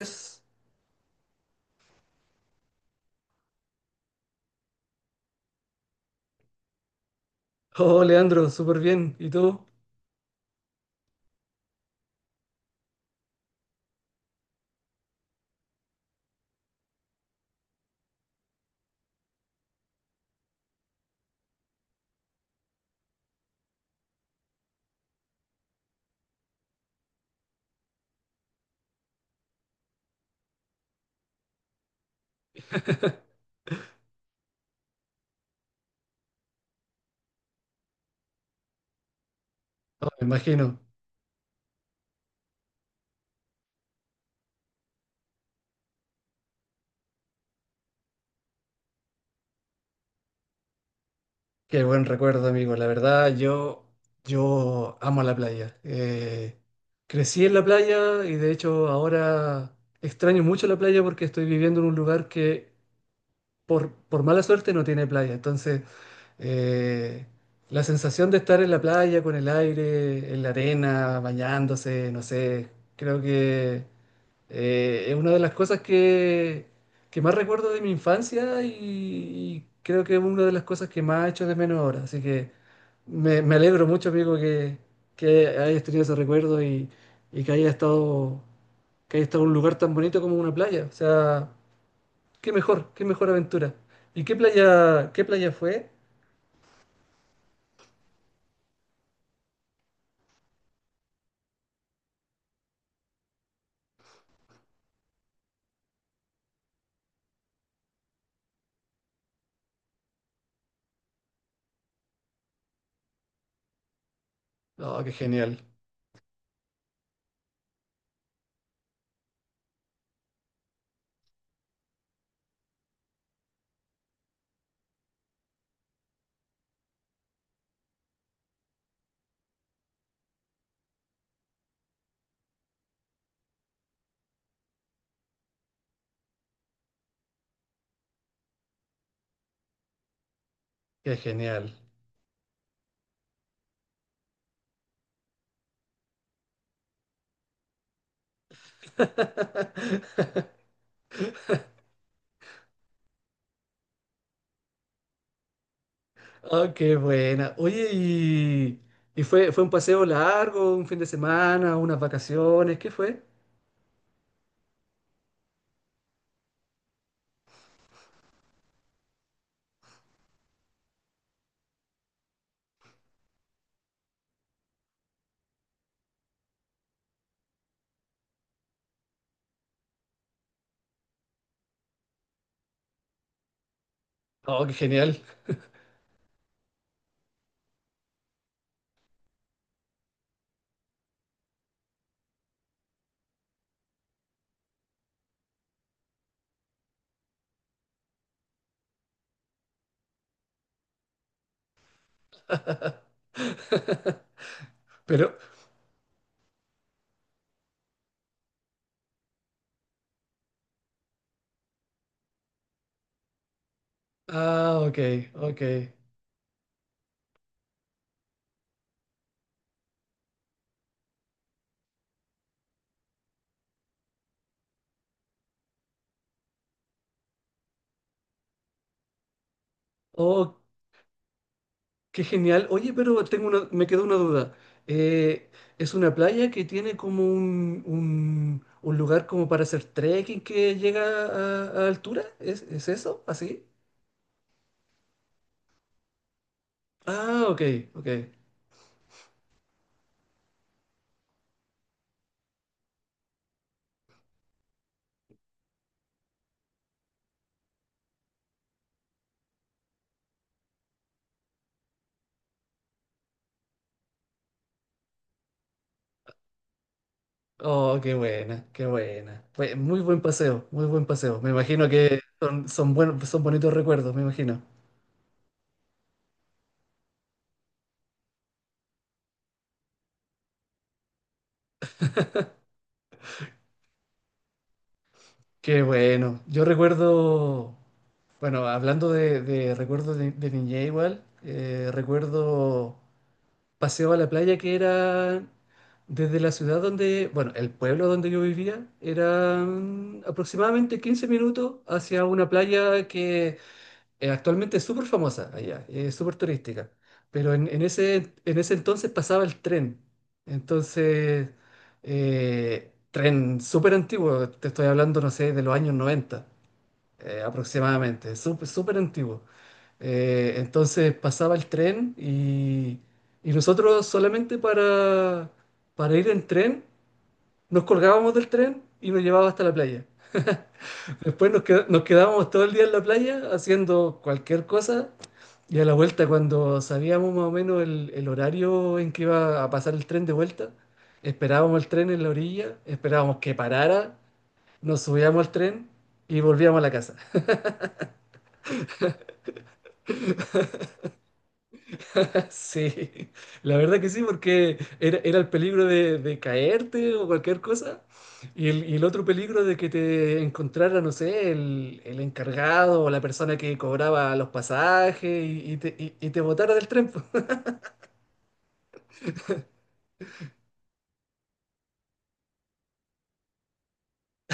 Es- Oh, Leandro, súper bien. ¿Y tú? Oh, me imagino. Qué buen recuerdo, amigo. La verdad, yo amo la playa. Crecí en la playa y de hecho ahora extraño mucho la playa porque estoy viviendo en un lugar que por mala suerte no tiene playa. Entonces, eh, la sensación de estar en la playa con el aire, en la arena, bañándose, no sé, creo que... es una de las cosas que más recuerdo de mi infancia y creo que es una de las cosas que más echo de menos ahora. Así que me alegro mucho, amigo, que hayas tenido ese recuerdo y que haya estado en un lugar tan bonito como una playa. O sea, qué mejor aventura. ¿Y qué playa fue? Oh, qué genial, qué genial. Oh, qué buena. Oye, y fue, fue un paseo largo, un fin de semana, unas vacaciones, ¿qué fue? Oh, qué genial. Pero, ah, ok, ok. Oh, qué genial. Oye, pero tengo una, me quedó una duda. Eh, es una playa que tiene como un lugar como para hacer trekking que llega a altura. Es eso? ¿Así? Ah, ok, ok. Oh, qué buena, qué buena. Fue muy buen paseo, muy buen paseo. Me imagino que son, son buenos, son bonitos recuerdos, me imagino. Qué bueno. Yo recuerdo, bueno, hablando de recuerdos de niñez igual, recuerdo paseo a la playa que era desde la ciudad donde, bueno, el pueblo donde yo vivía, eran aproximadamente 15 minutos hacia una playa que actualmente es súper famosa allá, es súper turística, pero en ese entonces pasaba el tren. Entonces, tren súper antiguo, te estoy hablando, no sé, de los años 90 aproximadamente, súper súper antiguo. Entonces pasaba el tren y nosotros solamente para ir en tren nos colgábamos del tren y nos llevaba hasta la playa. Después nos quedábamos todo el día en la playa haciendo cualquier cosa y a la vuelta cuando sabíamos más o menos el horario en que iba a pasar el tren de vuelta, esperábamos el tren en la orilla, esperábamos que parara, nos subíamos al tren y volvíamos a la casa. Sí, la verdad que sí, porque era, era el peligro de caerte o cualquier cosa, y el otro peligro de que te encontrara, no sé, el encargado o la persona que cobraba los pasajes y te, y te botara del tren.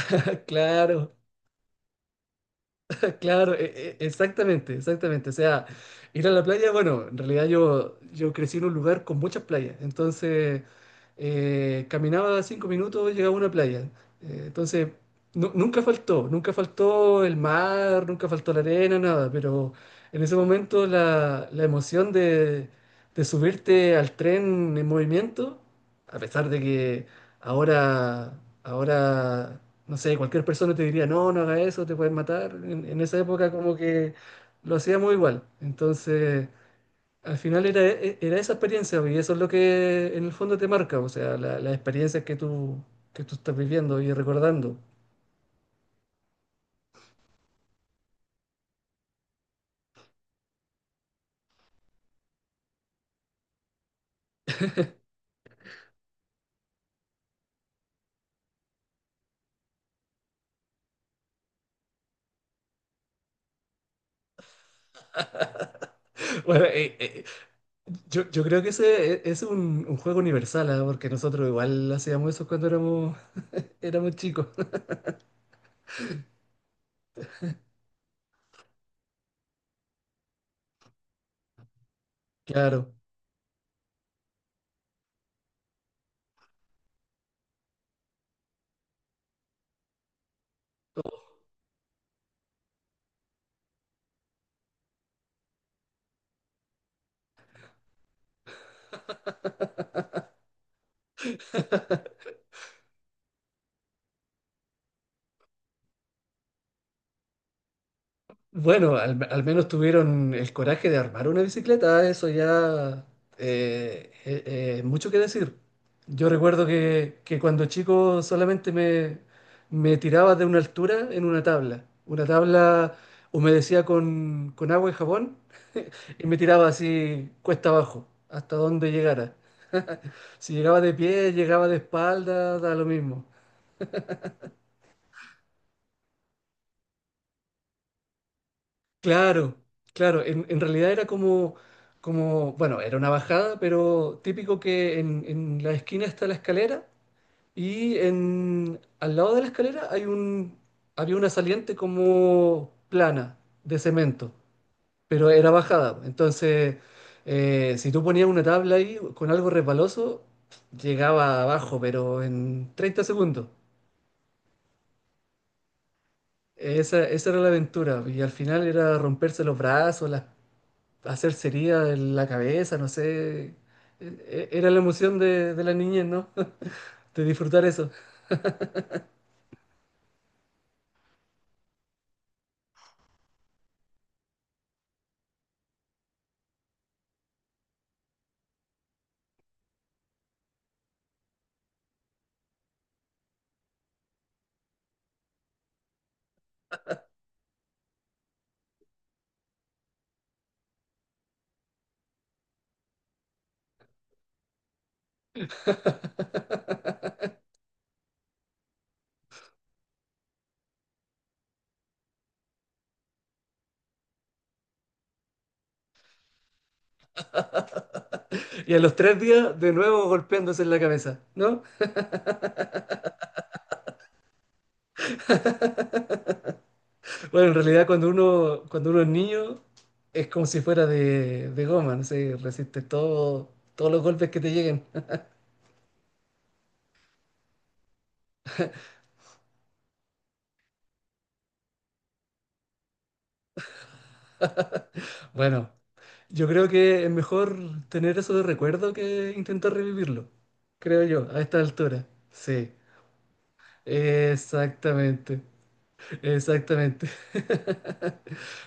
Claro, Claro, e- e- exactamente, exactamente. O sea, ir a la playa, bueno, en realidad yo crecí en un lugar con muchas playas, entonces caminaba 5 minutos, llegaba a una playa. Entonces, nu- nunca faltó, nunca faltó el mar, nunca faltó la arena, nada, pero en ese momento la emoción de subirte al tren en movimiento, a pesar de que ahora, ahora, no sé, cualquier persona te diría, no, no haga eso, te pueden matar. En esa época como que lo hacíamos igual. Entonces, al final era, e- era esa experiencia y eso es lo que en el fondo te marca, o sea, la- las experiencias que tú estás viviendo y recordando. Bueno, yo creo que ese e- es un juego universal, ¿ah? Porque nosotros igual hacíamos eso cuando éramos, éramos chicos. Claro. Bueno, al menos tuvieron el coraje de armar una bicicleta, eso ya mucho que decir. Yo recuerdo que cuando chico solamente me tiraba de una altura en una tabla. Una tabla humedecía con agua y jabón y me tiraba así cuesta abajo, hasta donde llegara. Si llegaba de pie, llegaba de espalda, da lo mismo. Claro, claro. En realidad era como, como, bueno, era una bajada, pero típico que en la esquina está la escalera y en, al lado de la escalera hay un, había una saliente como plana de cemento, pero era bajada. Entonces, si tú ponías una tabla ahí con algo resbaloso, llegaba abajo, pero en 30 segundos. Esa, esa era la aventura y al final era romperse los brazos, las hacer cería en la cabeza, no sé. E- e- Era la emoción de la niñez, ¿no? De disfrutar eso. Y a los 3 días, de nuevo golpeándose en la cabeza, ¿no? Bueno, en realidad cuando uno es niño, es como si fuera de goma, no sé, resiste todo, todos los golpes que te lleguen. Bueno, yo creo que es mejor tener eso de recuerdo que intentar revivirlo, creo yo, a esta altura. Sí, exactamente, exactamente.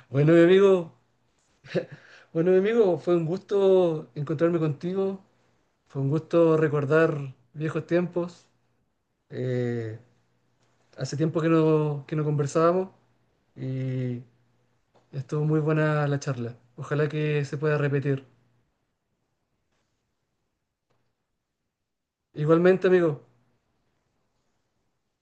Bueno, mi amigo. Bueno, mi amigo, fue un gusto encontrarme contigo, fue un gusto recordar viejos tiempos. Eh, hace tiempo que no conversábamos y estuvo muy buena la charla. Ojalá que se pueda repetir. Igualmente, amigo,